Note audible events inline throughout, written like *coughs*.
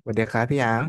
สวัสดีครับพี่ยาง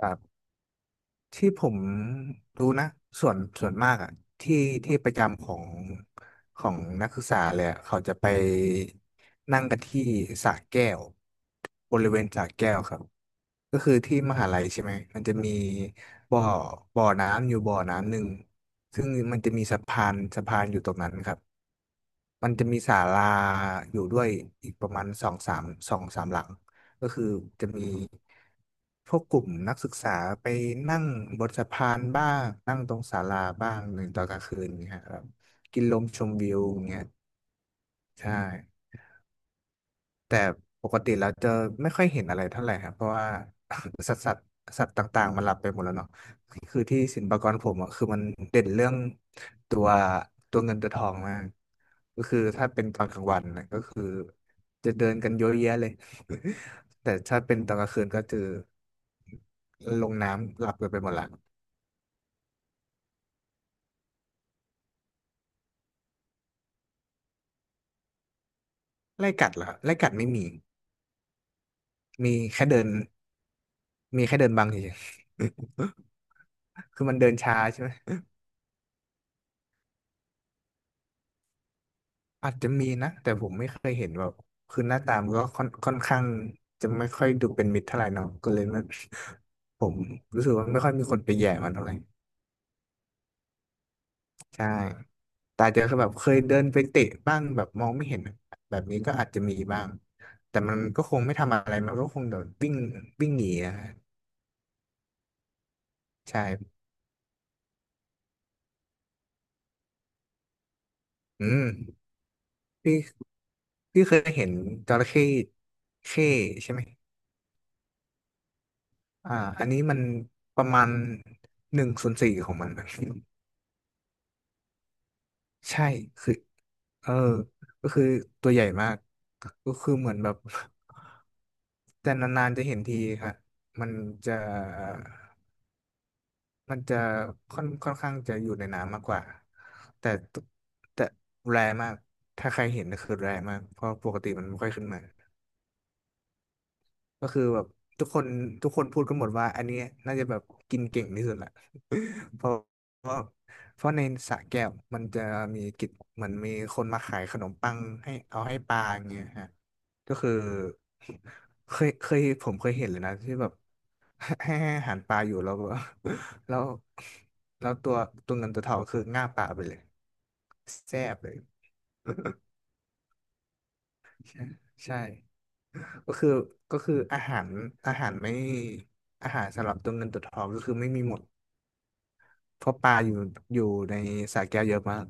ครับที่ผมรู้นะส่วนมากอ่ะที่ที่ประจำของนักศึกษาเลยอะเขาจะไปนั่งกันที่สระแก้วบริเวณสระแก้วครับก็คือที่มหาลัยใช่ไหมมันจะมีบ่อบ่อน้ำอยู่บ่อน้ำหนึ่งซึ่งมันจะมีสะพานอยู่ตรงนั้นครับ มันจะมีศาลาอยู่ด้วยอีกประมาณสองสามหลังก็คือจะมีพวกกลุ่มนักศึกษาไปนั่งบนสะพานบ้างนั่งตรงศาลาบ้างหนึ่งตอนกลางคืนเงี้ยครับกินลมชมวิวเงี้ยใช่ แต่ปกติเราจะไม่ค่อยเห็นอะไรเท่าไหร่ครับเพราะว่า *coughs* *laughs* สัตว์สัตว์สัตว์ต่างๆมันหลับไปหมดแล้วเนาะคือที่ศิลปากรผมอ่ะคือมันเด่นเรื่องตัวตัวเงินตัวทองมากก็คือถ้าเป็นตอนกลางวันนะก็คือจะเดินกันเยอะแยะเลย *laughs* แต่ถ้าเป็นตอนกลางคืนก็คือลงน้ำหลับกันไปหมดละไล่กัดเหรอไล่กัดไม่มีมีแค่เดินมีแค่เดินบังเฉยๆ *laughs* คือมันเดินช้าใช่ไหม อาจจะมีนะแต่ผมไม่เคยเห็นแบบคือหน้าตามนก็ค่อนข้างจะไม่ค่อยดูเป็นมิตรเท่าไหร่เนาะก็เลยมันผมรู้สึกว่าไม่ค่อยมีคนไปแย่มันเท่าไหร่ใช่แต่อาจจะแบบเคยเดินไปเตะบ้างแบบมองไม่เห็นแบบนี้ก็อาจจะมีบ้างแต่มันก็คงไม่ทำอะไรมันก็คงเดี๋ยววิ่งวิ่งหนีอะใช่อืมพี่พี่เคยเห็นจระเข้เข้ใช่ไหมอ่าอันนี้มันประมาณหนึ่งส่วนสี่ของมัน ใช่คือเออก็คือตัวใหญ่มากก็คือเหมือนแบบ *laughs* แต่นานๆจะเห็นทีครับมันจะมันจะค่อนข้างจะอยู่ในน้ำมากกว่าแต่ตัวแต่แรร์มากถ้าใครเห็นก็คือแรร์มากเพราะปกติมันไม่ค่อยขึ้นมาก็คือแบบทุกคนทุกคนพูดกันหมดว่าอันเนี้ยน่าจะแบบกินเก่งที่สุดละ เพราะเพราะเพราะในสระแก้วมันจะมีกิจเหมือนมีคนมาขายขนมปังให้เอาให้ปลาอย่างเงี้ยฮะก็คือเคยเคยผมเคยเห็นเลยนะที่แบบ *laughs* ให้อาหารปลาอยู่แล้วแบบ *laughs* แล้วแล้วตัวเงินตัวทองคือง่าบปลาไปเลยแซ่บเลย *laughs* ใช่ใช่ก็คือก็คืออาหารอาหารไม่อาหารสำหรับตัวเงินตัวทองก็คือไม่มีหมดเพราะปลาอยู่ในสระแก้วเยอะมาก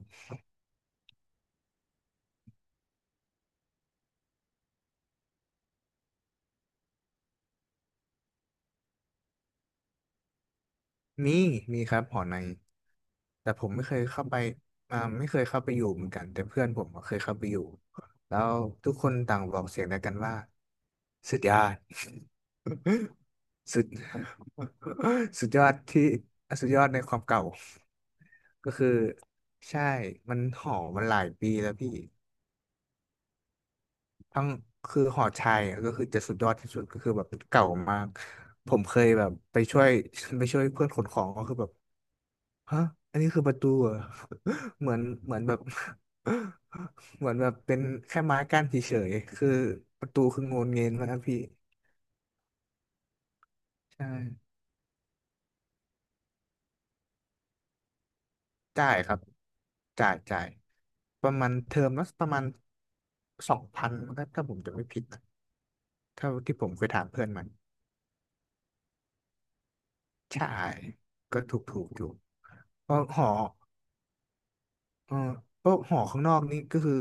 มีมีครับหอในแต่ผมไม่เคยเข้าไปไม่เคยเข้าไปอยู่เหมือนกันแต่เพื่อนผมก็เคยเข้าไปอยู่แล้วทุกคนต่างบอกเสียงเดียวกันว่าสุดยอด *laughs* สุด *laughs* สุดยอดที่สุดยอดในความเก่าก็คือใช่มันหอมันหลายปีแล้วพี่ทั้งคือหอชัยอะก็คือจะสุดยอดที่สุดก็คือแบบเก่ามากผมเคยแบบไปช่วย *laughs* ไปช่วยเพื่อนขนของก็คือแบบ ฮะอันนี้คือประตูเหรอ *laughs* เหมือนแบบ *laughs* เหมือนแบบเป็นแค่ไม้กั้นเฉยๆคือประตูคืองนเงินมานะพี่ ใช่จ่ายครับจ่าย ประมาณเทอมละประมาณ2,000ถ้าผมจะไม่ผิดนะเท่าที่ผมเคยถามเพื่อนมันใช่ ก็ถูกอยู่เพราะหอ เออพวกหอข้างนอกนี่ก็คือ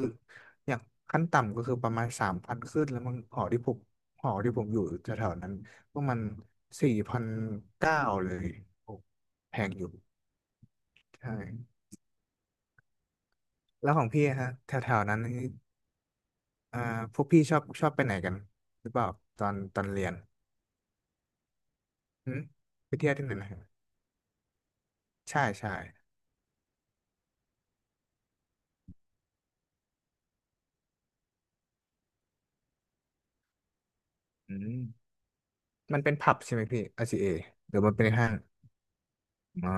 อย่างขั้นต่ำก็คือประมาณ3,000ขึ้นแล้วมันหอที่ผมอยู่แถวๆนั้นก็มัน4,900เลยโอ้แพงอยู่ใช่แล้วของพี่อะฮะแถวๆนั้นนี่อ่าพวกพี่ชอบไปไหนกันหรือเปล่าตอนเรียนหืมไปเที่ยวที่ไหนนะฮะใช่ใช่อืมมันเป็นผับใช่ไหมพี่ r เ a หรือมันเป็นห้างอ๋อ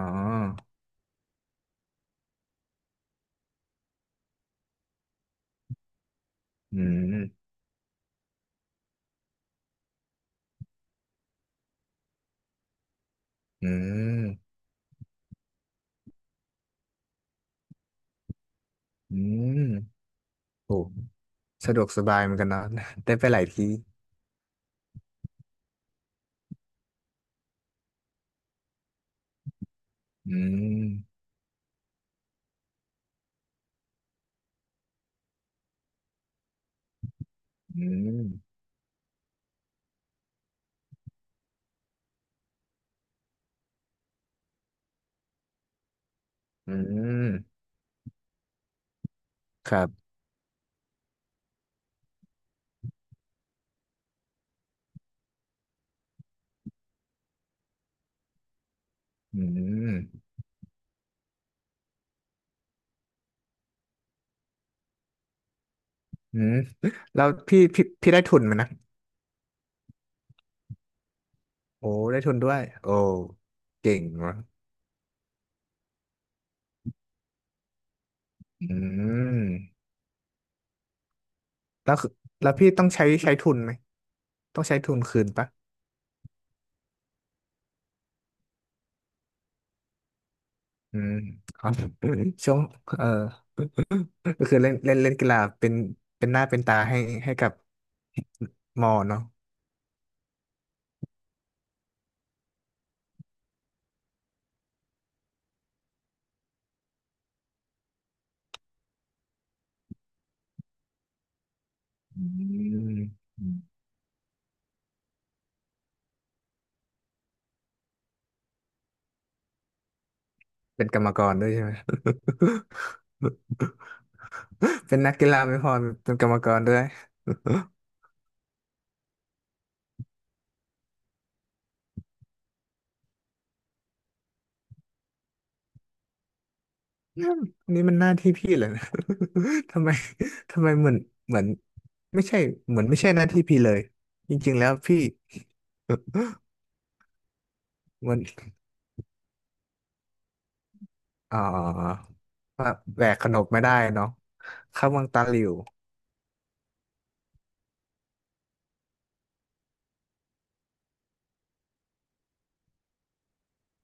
อืมอืมอืมโอ้ สะดวกสบายเหมือนกันเนาะ *laughs* ได้ไปหลายที่อืมอืมอืมครับอืมอืมแล้วพี่ได้ทุนไหมนะโอ้ได้ทุนด้วยโอ้เก่งวะอืมแล้วคือแล้วพี่ต้องใช้ทุนไหมต้องใช้ทุนคืนปะอืม *laughs* ครับ *laughs* ช่วงเออก็คือเล่นเล่นเล่นกีฬาเป็นหน้าเป็นตาให้กับมอเนาะอืมเป็นกรรมกรด้วยใช่ไหม *laughs* เป็นนักกีฬาไม่พอเป็นกรรมกรด้วย *laughs* นี่มันหน้าที่พี่เหรอนะ *laughs* ทำไม *laughs* ทำไมเหมือนไม่ใช่เหมือนไม่ใช่หน้าที่พี่เลยจริงๆแล้วพี่มันอ๋อว่าแหวกขนบไม่ได้เนาะเข้าวังตาหลิว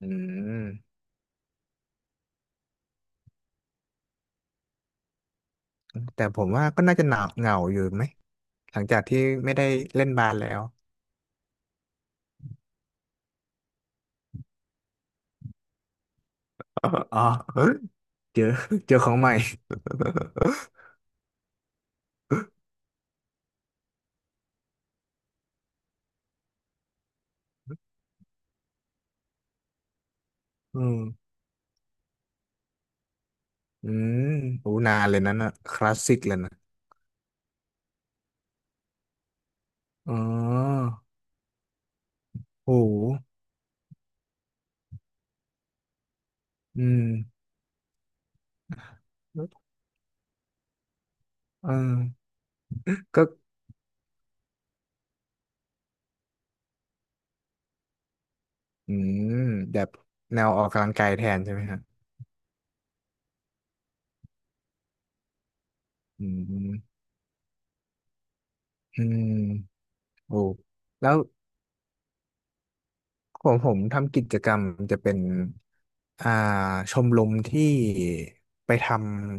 อืมแต่ผมว่าก็น่าจะหนาเหงาอยู่ไหมหลังจากที่ไม่ได้เล่นบาสแล้ว *laughs* อ๋อ *laughs* อ๋อเจอ *laughs* เจอของใหม่อืมอืมโหนานเลยนั้นน่ะคลาสสิกเลยนะอ๋อโห อืมเออก็อืมแบบแนวออกกำลังกายแทนใช่ไหมฮะอืมอืมโอ้แล้วของผมทำกิจกรรมจะเป็นอ่าชมรมที่ไปท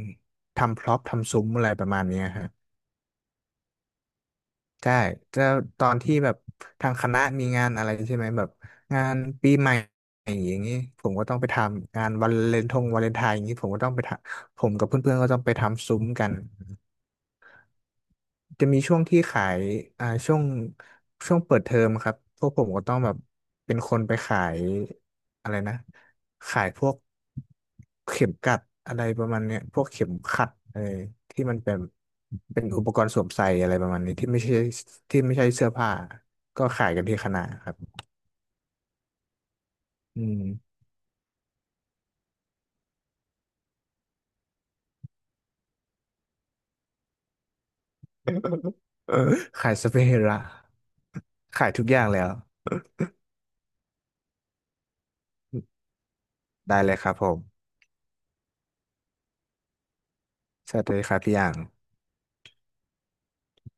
ำทำพร็อพทำซุ้มอะไรประมาณเนี้ยฮะใช่จะตอนที่แบบทางคณะมีงานอะไรใช่ไหมแบบงานปีใหม่อย่างนี้ผมก็ต้องไปทำงานวันวาเลนไทน์อย่างนี้ผมก็ต้องไปทำผมกับเพื่อนๆก็ต้องไปทำซุ้มกัน จะมีช่วงที่ขายอ่าช่วงเปิดเทอมครับพวกผมก็ต้องแบบเป็นคนไปขายอะไรนะขายพวกเข็มกลัดอะไรประมาณเนี้ยพวกเข็มขัดเออที่มันเป็นอุปกรณ์สวมใส่อะไรประมาณนี้ที่ไม่ใช่เสื้อผ้าก็ขายกันที่คณะครับอืม *laughs* เออขายสเปรย์ละขายทุกอย่างแล้วได้เลยครับผมสวัสดีครับพี่อย่าง